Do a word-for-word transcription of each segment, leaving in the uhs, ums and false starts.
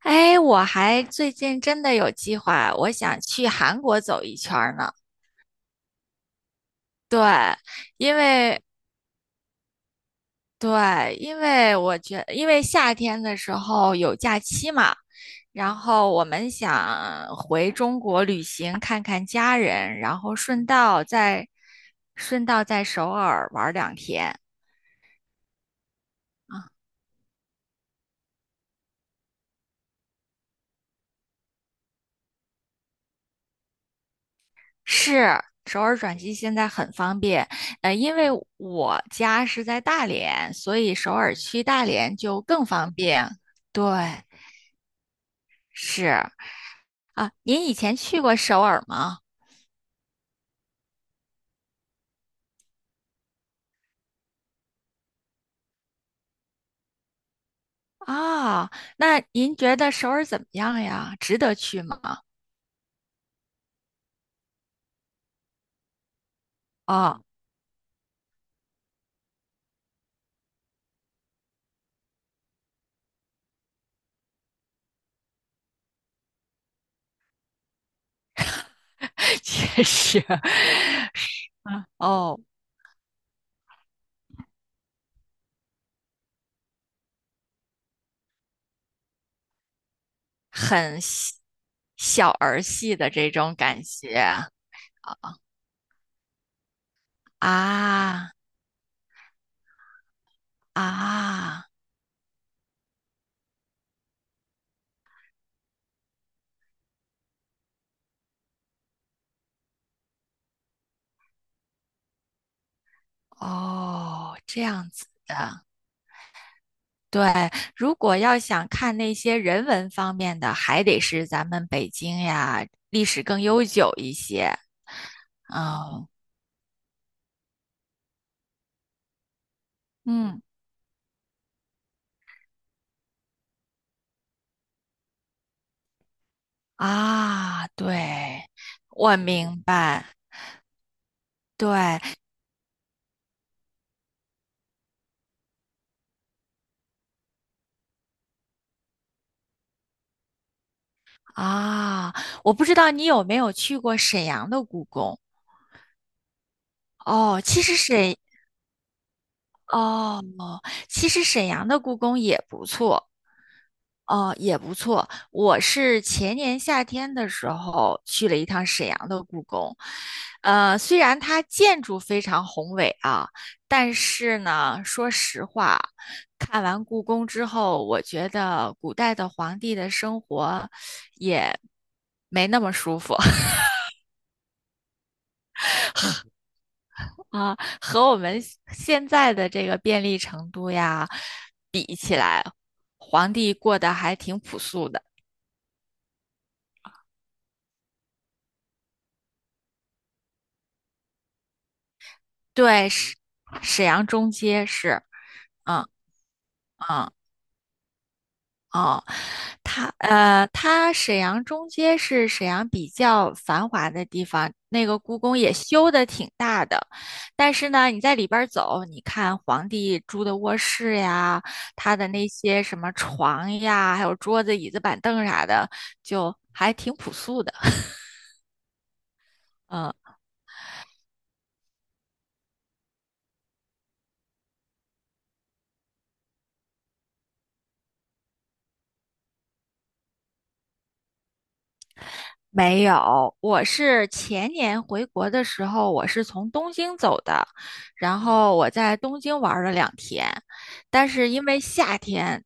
哎，我还最近真的有计划，我想去韩国走一圈儿呢。对，因为对，因为我觉因为夏天的时候有假期嘛，然后我们想回中国旅行，看看家人，然后顺道在顺道在首尔玩儿两天。是，首尔转机现在很方便，呃，因为我家是在大连，所以首尔去大连就更方便。对，是啊，您以前去过首尔吗？啊，那您觉得首尔怎么样呀？值得去吗？啊，确实，是啊哦，很细小儿戏的这种感觉啊啊哦，这样子的。对，如果要想看那些人文方面的，还得是咱们北京呀，历史更悠久一些。嗯嗯啊，对，我明白。对啊，我不知道你有没有去过沈阳的故宫哦。其实沈哦，其实沈阳的故宫也不错。哦，也不错。我是前年夏天的时候去了一趟沈阳的故宫，呃，虽然它建筑非常宏伟啊，但是呢，说实话，看完故宫之后，我觉得古代的皇帝的生活也没那么舒服 啊，和我们现在的这个便利程度呀，皇帝过得还挺朴素的。对，沈沈阳中街是，嗯。嗯哦，它呃，它沈阳中街是沈阳比较繁华的地方，那个故宫也修的挺大的，但是呢，你在里边儿走，你看皇帝住的卧室呀，他的那些什么床呀，还有桌子、椅子、板凳啥的，就还挺朴素的。嗯。没有，我是前年回国的时候，我是从东京走的，然后我在东京玩儿了两天，但是因为夏天，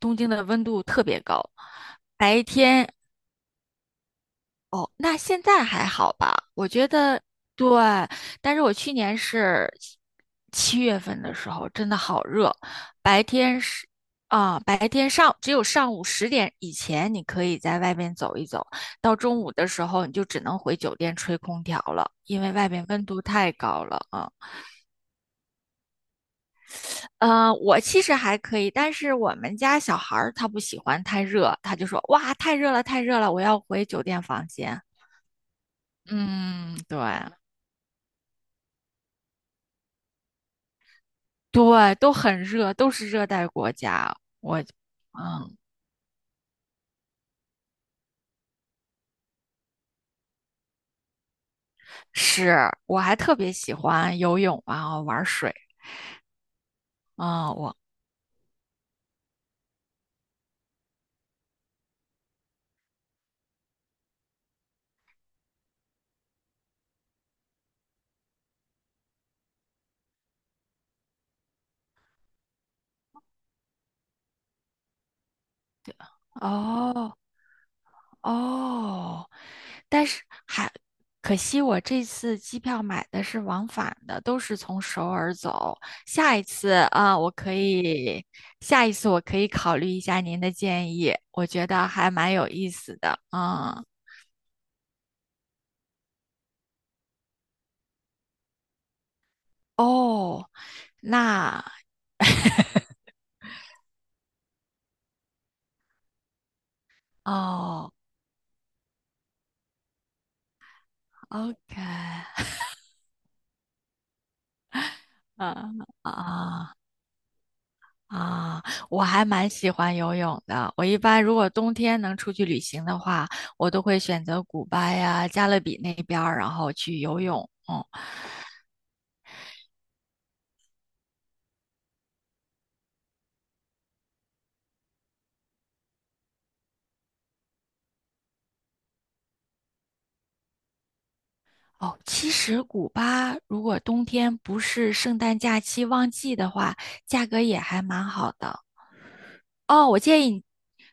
东京的温度特别高，白天哦，那现在还好吧？我觉得对，但是我去年是七月份的时候，真的好热，白天是啊、白天上只有上午十点以前你可以在外边走一走，到中午的时候你就只能回酒店吹空调了，因为外边温度太高了啊。呃，我其实还可以，但是我们家小孩儿他不喜欢太热，他就说哇太热了太热了，我要回酒店房间。嗯，对。对，都很热，都是热带国家。嗯，是，我还特别喜欢游泳啊，玩水啊，我哦哦，但是还可惜，我这次机票买的是往返的，都是从首尔走。下一次啊，我可以，下一次我可以考虑一下您的建议，我觉得还蛮有意思的。嗯，哦，那哦，OK。啊啊啊！我还蛮喜欢游泳的。我一般如果冬天能出去旅行的话，我都会选择古巴呀、加勒比那边儿，然后去游泳。嗯，哦，其实古巴如果冬天不是圣诞假期旺季的话，价格也还蛮好的。哦，我建议你，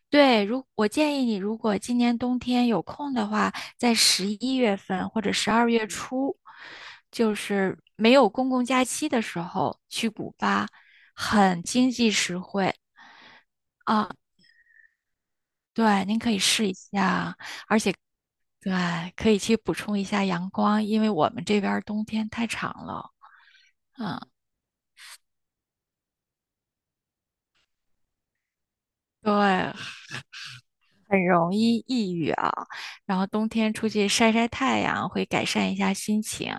对，如我建议你，如果今年冬天有空的话，在十一月份或者十二月初，就是没有公共假期的时候去古巴，很经济实惠啊。对，您可以试一下，对，可以去补充一下阳光，因为我们这边儿冬天太长了。对，很容易抑郁啊，然后冬天出去晒晒太阳，会改善一下心情。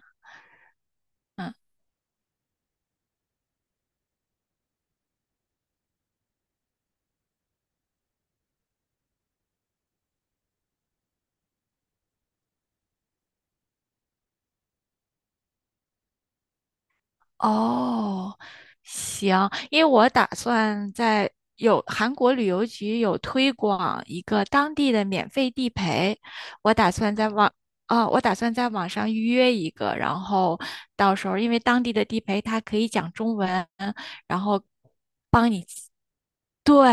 哦，行，因为我打算在有韩国旅游局有推广一个当地的免费地陪，我打算在网啊、我打算在网上预约一个，然后到时候因为当地的地陪他可以讲中文，然后帮你。对，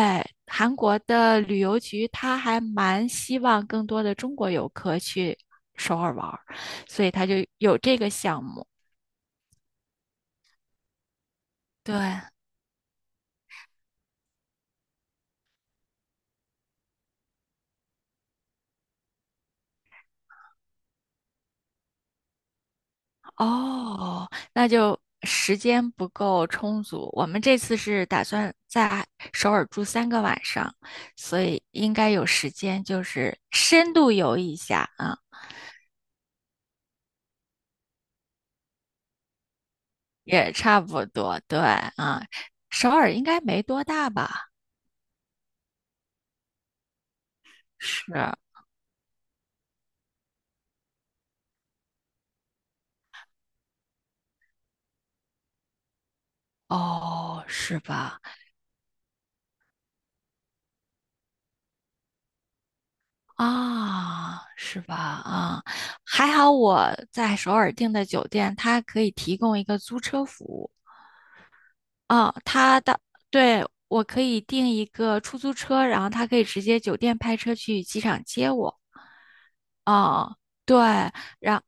韩国的旅游局他还蛮希望更多的中国游客去首尔玩儿，所以他就有这个项目。对。哦，那就时间不够充足。我们这次是打算在首尔住三个晚上，所以应该有时间，就是深度游一下啊，也差不多。对啊，首尔应该没多大吧？是哦，是吧？啊，是吧？啊，还好我在首尔订的酒店，它可以提供一个租车服务。啊，他的，对，我可以订一个出租车，然后他可以直接酒店派车去机场接我。啊，对，然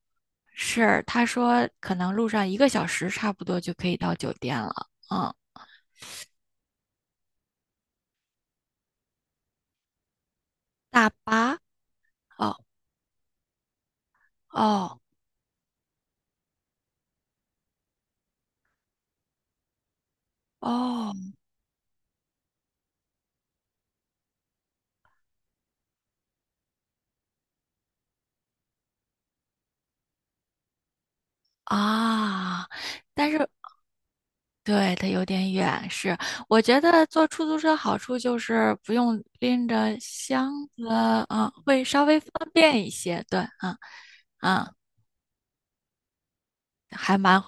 是他说可能路上一个小时差不多就可以到酒店了。嗯，大巴，哦哦哦啊，但是对，它有点远，是我觉得坐出租车好处就是不用拎着箱子，啊，会稍微方便一些。对，啊啊。嗯还蛮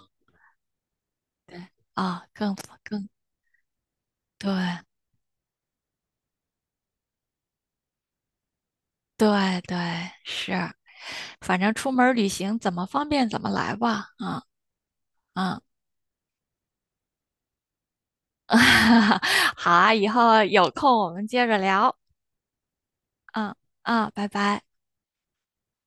对啊，更更对对对是，反正出门儿旅行怎么方便怎么来吧，嗯嗯，好啊，以后有空我们接着聊，嗯嗯，拜拜。